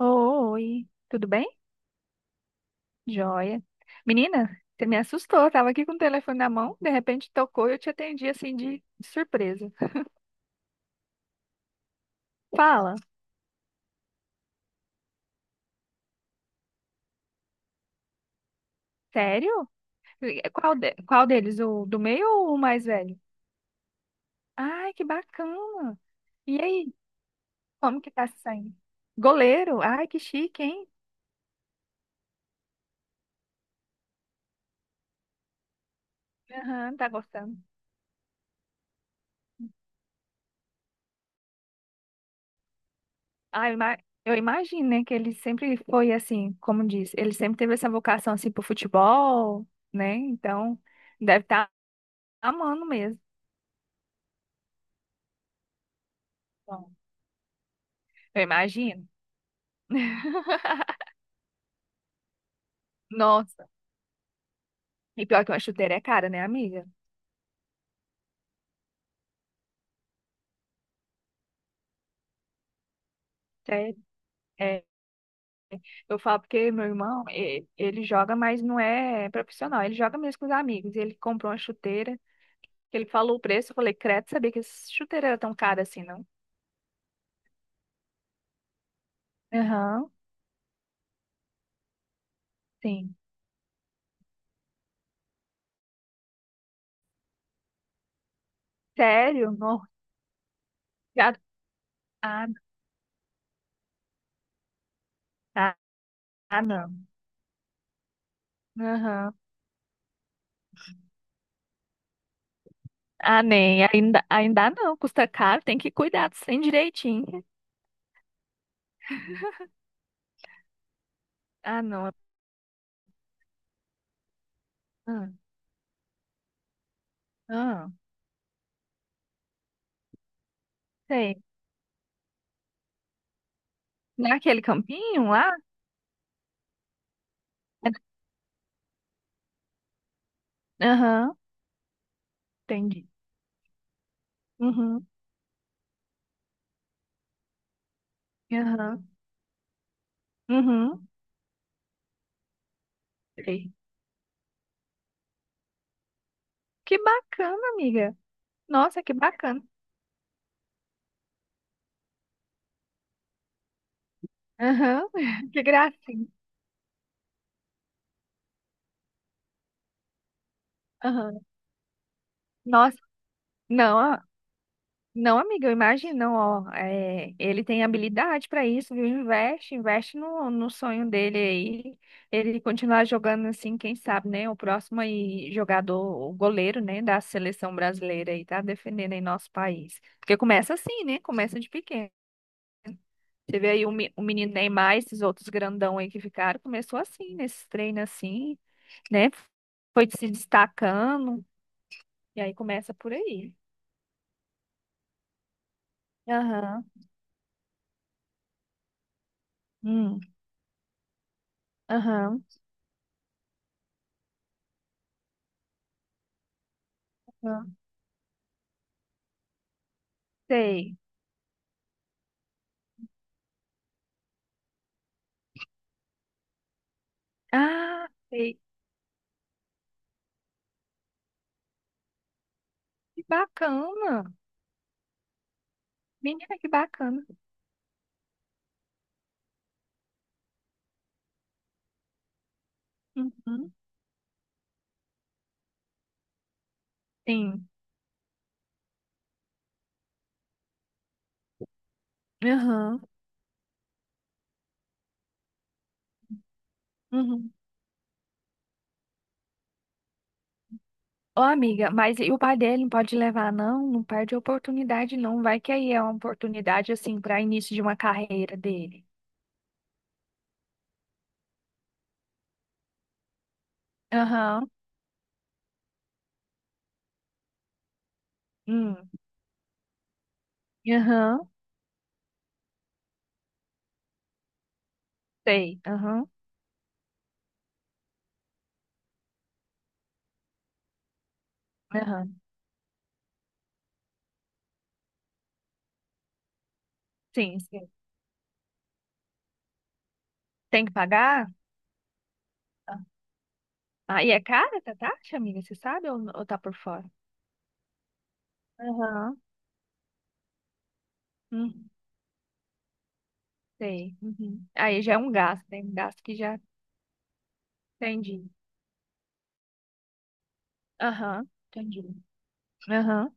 Oi, tudo bem? Joia. Menina, você me assustou. Eu tava aqui com o telefone na mão, de repente tocou e eu te atendi assim de surpresa. Fala, sério? Qual deles? O do meio ou o mais velho? Ai, que bacana. E aí, como que tá se saindo? Goleiro? Ai, que chique, hein? Aham, tá gostando. Ai, ima- eu imagino, né, que ele sempre foi assim, como diz, ele sempre teve essa vocação assim pro futebol, né? Então, deve estar amando mesmo. Eu imagino. Nossa. E pior que uma chuteira é cara, né, amiga? Sério. É, eu falo porque meu ele joga, mas não é profissional. Ele joga mesmo com os amigos. Ele comprou uma chuteira, que ele falou o preço. Eu falei, credo, sabia que essa chuteira era tão cara assim, não? Aham, sim. Sério? Não. Já- Ah, ah, ah, não. Aham. Ah, nem. Ainda não. Custa caro, tem que cuidar sem direitinho. Ah, não. Ah, ah, sei. Naquele campinho lá? Aham. Entendi. Uhum, aham, uhum, sei. Que bacana, amiga. Nossa, que bacana. Aham, que gracinha. Aham. Nossa, não, ah, não, amiga, eu imagino, não, ó, é, ele tem habilidade para isso, viu? Investe, investe no sonho dele aí. Ele continuar jogando assim, quem sabe, né? O próximo aí jogador, o goleiro, né, da seleção brasileira aí, tá defendendo aí nosso país. Porque começa assim, né? Começa de pequeno. Teve aí o menino Neymar, esses outros grandão aí que ficaram, começou assim, nesse treino assim, né? Foi se destacando, e aí começa por aí. Aham, hum, aham, aham, sei. Ah, sei. Que bacana. Menina, que bacana. Uhum, sim, aham, uhum. Ô, amiga, mas e o pai dele não pode levar, não? Não perde a oportunidade, não. Vai que aí é uma oportunidade, assim, para início de uma carreira dele. Aham, hum. Aham. Sei. Aham. Aham. Sim, sim. Tem que pagar? Ah, e é cara essa taxa, amiga? Você sabe ou tá por fora? Aham. Hum, sei. Uhum. Aí já é um gasto, tem um gasto que já entendi. Aham. Entendi. Aham.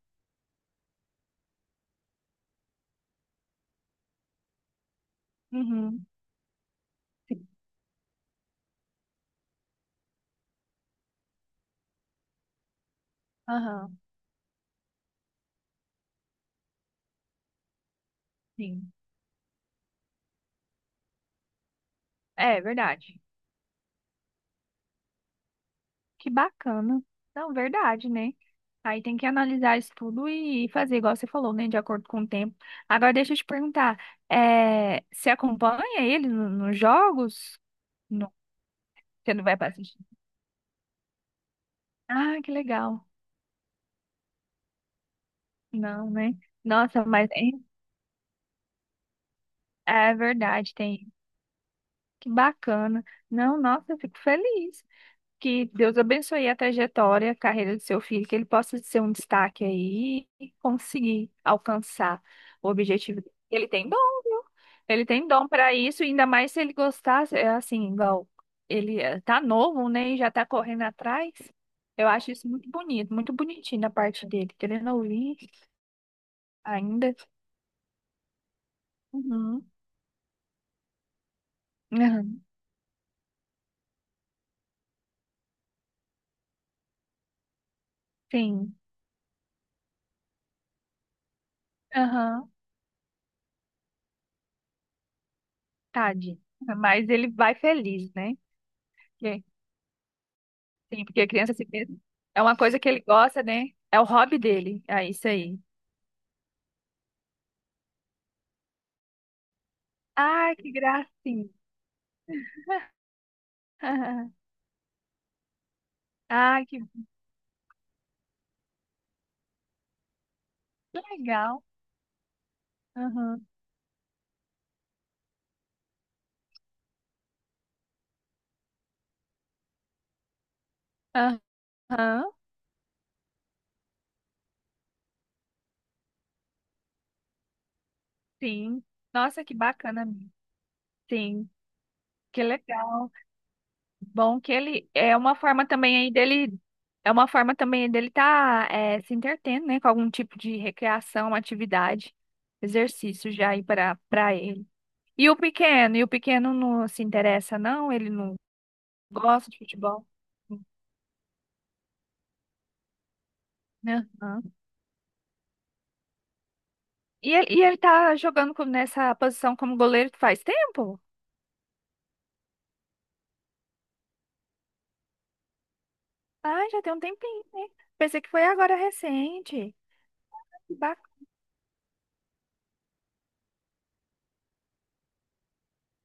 Uhum. Sim. Aham. Sim. É verdade. Que bacana. Não, verdade, né? Aí tem que analisar isso tudo e fazer igual você falou, né? De acordo com o tempo. Agora deixa eu te perguntar, é, você acompanha ele nos jogos? Você não vai para assistir. Ah, que legal. Não, né? Nossa, mas hein, é verdade, tem. Que bacana. Não, nossa, eu fico feliz. Que Deus abençoe a trajetória, a carreira do seu filho, que ele possa ser um destaque aí e conseguir alcançar o objetivo dele. Ele tem dom, viu? Ele tem dom para isso, ainda mais se ele gostasse, é assim, igual tá novo, né, e já tá correndo atrás. Eu acho isso muito bonito, muito bonitinho da parte dele, querendo ouvir ainda. Uhum. Aham, sim. Aham. Tade. Mas ele vai feliz, né? Porque- Sim, porque a criança se pensa- é uma coisa que ele gosta, né? É o hobby dele. É isso aí. Ai, que gracinha. Aham. Ai, que legal. Aham. Aham. Sim. Nossa, que bacana, amiga. Sim. Que legal. Bom que ele é uma forma também aí dele É uma forma também dele tá, se entretendo, né, com algum tipo de recreação, atividade, exercício já aí para ele. E o pequeno não se interessa, não, ele não gosta de futebol, né? Aham. E ele tá jogando nessa posição como goleiro faz tempo? Ah, já tem um tempinho, né? Pensei que foi agora recente. Que bacana.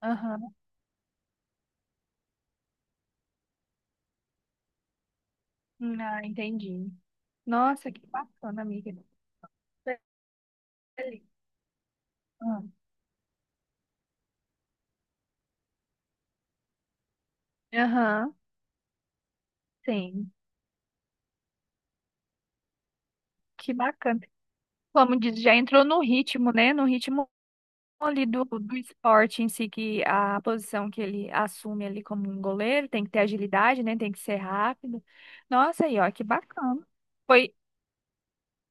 Aham. Ah, entendi. Nossa, que bacana, amiga. Feliz. Hum. Aham, sim. Que bacana. Como diz, já entrou no ritmo, né? No ritmo ali do esporte em si, que a posição que ele assume ali como um goleiro tem que ter agilidade, né? Tem que ser rápido. Nossa, aí, ó, que bacana. Foi,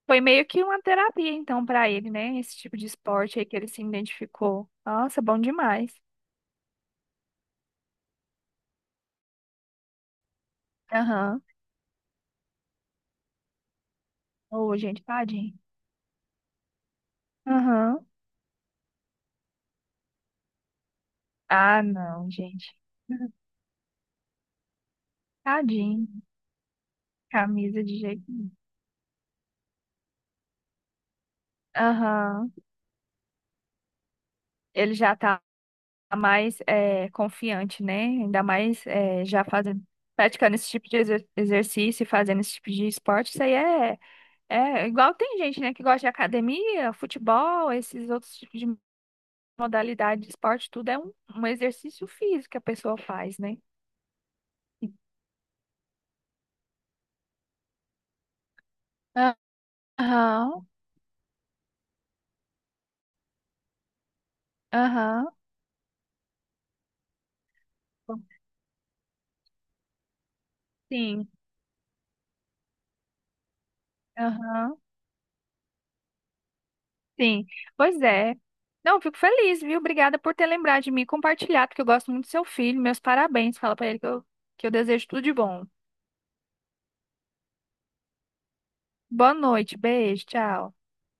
foi meio que uma terapia, então, para ele, né? Esse tipo de esporte aí que ele se identificou. Nossa, bom demais. Aham. Ô, gente, tadinho. Aham. Ah, não, gente. Tadinho. Camisa de jeito nenhum. Aham. Ele já tá mais, confiante, né? Ainda mais, já fazendo, praticando esse tipo de exercício e fazendo esse tipo de esporte, isso aí é, é igual tem gente, né, que gosta de academia, futebol, esses outros tipos de modalidade de esporte, tudo é um, um exercício físico que a pessoa faz, né? Aham, aham, sim, aham. Sim, pois é. Não, eu fico feliz, viu? Obrigada por ter lembrado de mim e compartilhado, porque eu gosto muito do seu filho. Meus parabéns. Fala pra ele que eu desejo tudo de bom. Boa noite, beijo, tchau.